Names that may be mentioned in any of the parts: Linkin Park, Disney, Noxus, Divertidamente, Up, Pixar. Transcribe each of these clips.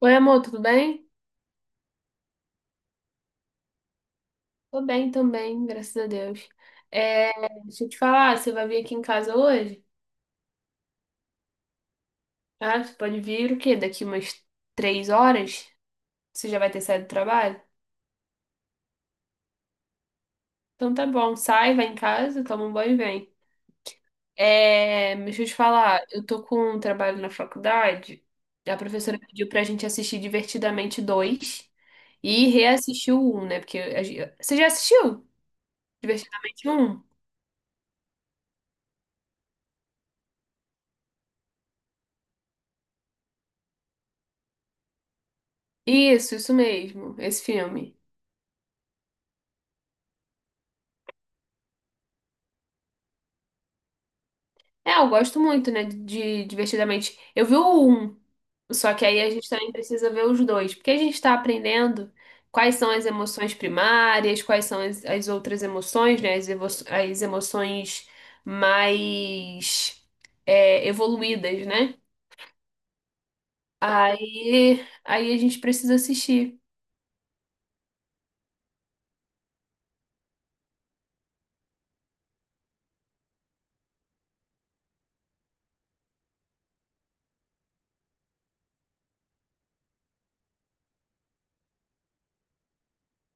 Oi, amor, tudo bem? Tô bem também, graças a Deus. É, deixa eu te falar, você vai vir aqui em casa hoje? Ah, você pode vir o quê? Daqui umas três horas? Você já vai ter saído do trabalho? Então tá bom, sai, vai em casa, toma um banho e vem. É, mas deixa eu te falar, eu tô com um trabalho na faculdade. A professora pediu pra gente assistir Divertidamente dois e reassistir o 1, né? Porque você já assistiu Divertidamente um? Isso mesmo, esse filme. É, eu gosto muito, né, de Divertidamente. Eu vi o um, só que aí a gente também precisa ver os dois, porque a gente está aprendendo quais são as emoções primárias, quais são as outras emoções, né, as emoções mais evoluídas, né? Aí a gente precisa assistir.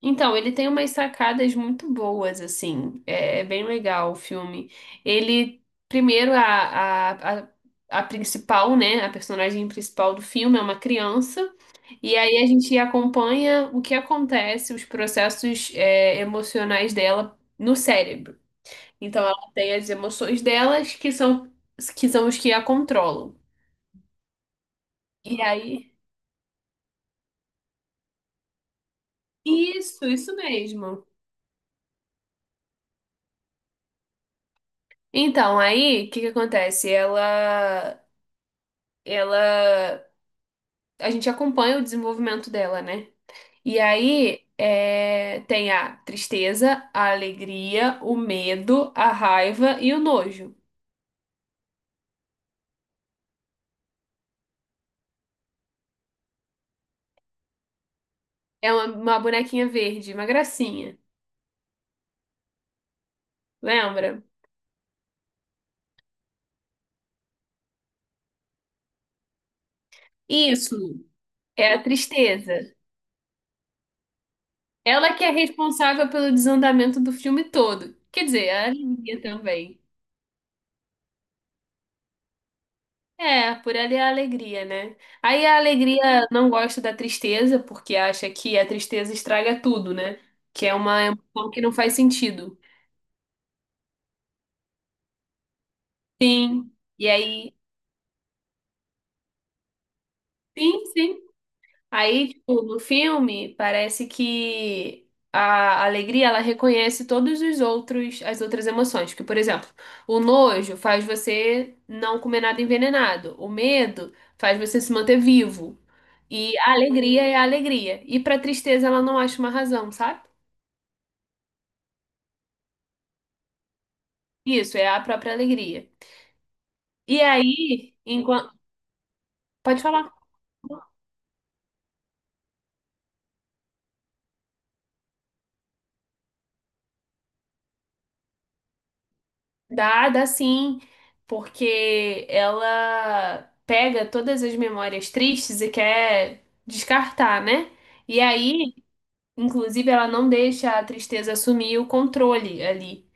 Então, ele tem umas sacadas muito boas, assim. É, é bem legal o filme. Ele, primeiro, a, a, a principal, né? A personagem principal do filme é uma criança. E aí a gente acompanha o que acontece, os processos, emocionais dela no cérebro. Então, ela tem as emoções delas que são os que a controlam. E aí. Isso mesmo. Então, aí, o que que acontece? Ela. Ela A gente acompanha o desenvolvimento dela, né? E aí tem a tristeza, a alegria, o medo, a raiva e o nojo. É uma bonequinha verde, uma gracinha, lembra? Isso é a tristeza. Ela que é responsável pelo desandamento do filme todo. Quer dizer, a alegria também. É, por ali é a alegria, né? Aí a alegria não gosta da tristeza, porque acha que a tristeza estraga tudo, né? Que é uma emoção que não faz sentido. Sim. E aí, sim, sim. Aí, tipo, no filme, parece que a alegria, ela reconhece todos os outros, as outras emoções. Que, por exemplo, o nojo faz você não comer nada envenenado. O medo faz você se manter vivo. E a alegria é a alegria. E pra tristeza, ela não acha uma razão, sabe? Isso, é a própria alegria. E aí, enquanto... Pode falar. Dá sim, porque ela pega todas as memórias tristes e quer descartar, né? E aí, inclusive, ela não deixa a tristeza assumir o controle ali.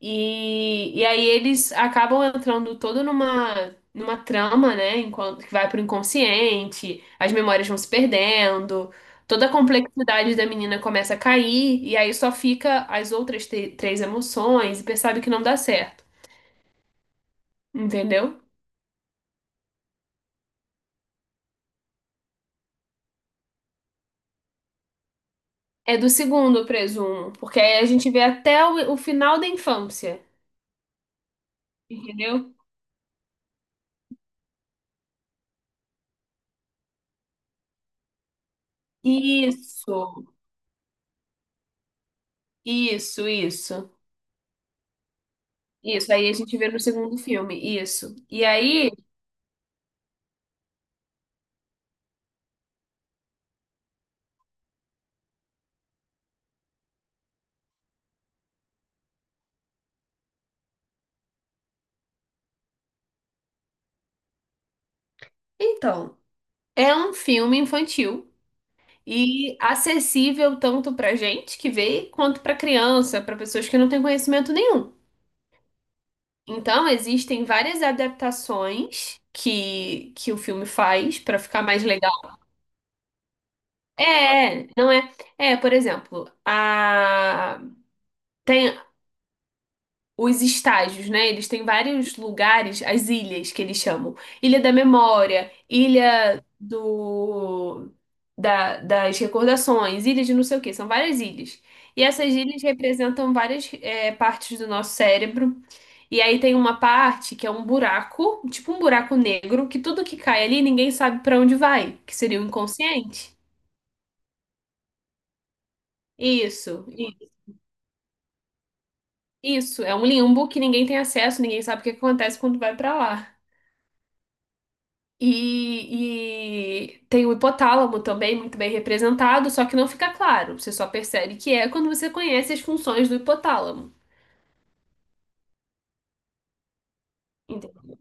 E aí eles acabam entrando todo numa trama, né? Enquanto que vai pro inconsciente, as memórias vão se perdendo, toda a complexidade da menina começa a cair, e aí só fica as outras três emoções e percebe que não dá certo, entendeu? É do segundo, eu presumo, porque aí a gente vê até o final da infância, entendeu? Isso, isso, isso. Isso, aí a gente vê no segundo filme, isso. E aí, então, é um filme infantil e acessível tanto pra gente que vê, quanto pra criança, pra pessoas que não têm conhecimento nenhum. Então, existem várias adaptações que o filme faz pra ficar mais legal. É, é, não é. É, por exemplo, a... tem os estágios, né? Eles têm vários lugares, as ilhas que eles chamam. Ilha da Memória, das Recordações, Ilha de não sei o quê. São várias ilhas. E essas ilhas representam várias partes do nosso cérebro. E aí tem uma parte que é um buraco, tipo um buraco negro, que tudo que cai ali ninguém sabe para onde vai, que seria o inconsciente. Isso, Isso, é um limbo que ninguém tem acesso, ninguém sabe o que acontece quando vai pra lá. E tem o hipotálamo também, muito bem representado, só que não fica claro. Você só percebe que é quando você conhece as funções do hipotálamo. Entendeu?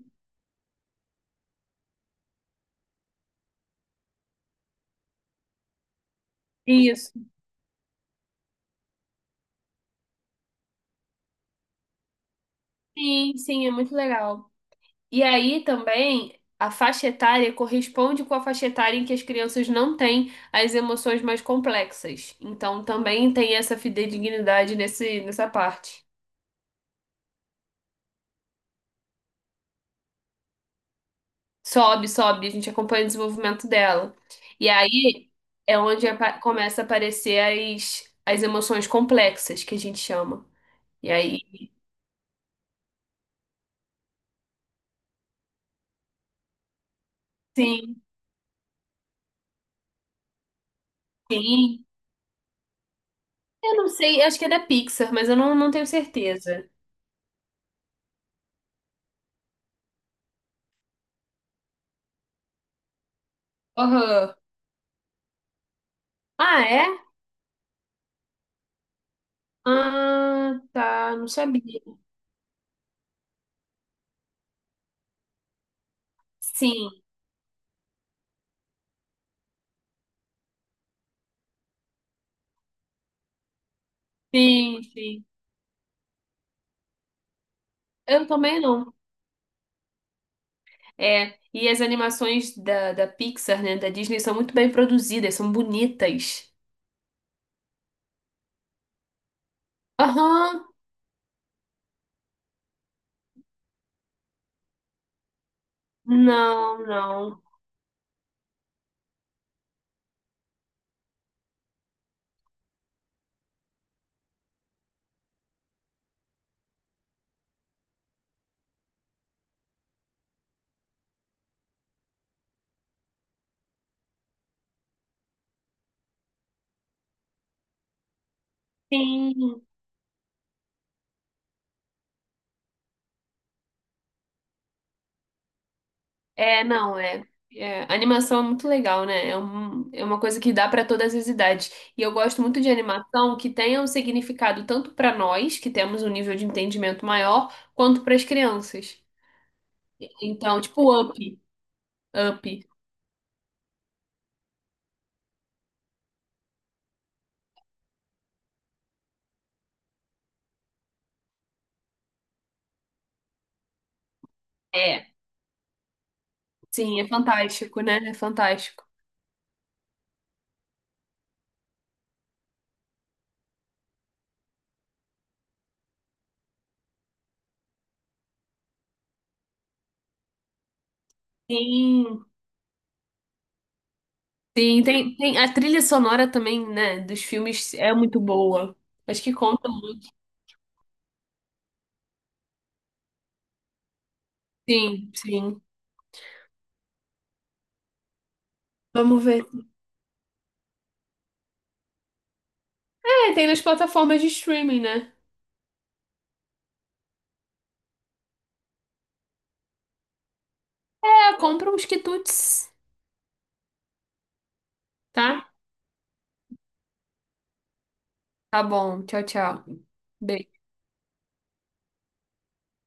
Isso. Sim, sim, é muito legal. E aí também a faixa etária corresponde com a faixa etária em que as crianças não têm as emoções mais complexas. Então também tem essa fidedignidade nessa parte. Sobe, sobe, a gente acompanha o desenvolvimento dela. E aí é onde começa a aparecer as emoções complexas, que a gente chama. E aí, sim, sim. Eu não sei, acho que é da Pixar, mas eu não tenho certeza. Aham. Ah, é? Ah, tá, não sabia. Sim, sim, sim. Eu também não. É, e as animações da Pixar, né, da Disney, são muito bem produzidas, são bonitas. Aham. Não, não. Sim. É, não, é. É, Animação é muito legal, né? É uma coisa que dá para todas as idades. E eu gosto muito de animação que tenha um significado tanto para nós, que temos um nível de entendimento maior, quanto para as crianças. Então, tipo, Up. Up. É. Sim, é fantástico, né? É fantástico. Sim. Sim, tem, tem a trilha sonora também, né? Dos filmes é muito boa. Acho que conta. Sim, sim. Vamos ver. É, tem nas plataformas de streaming, né? Compra uns quitutes, tá? Tá bom. Tchau, tchau. Beijo.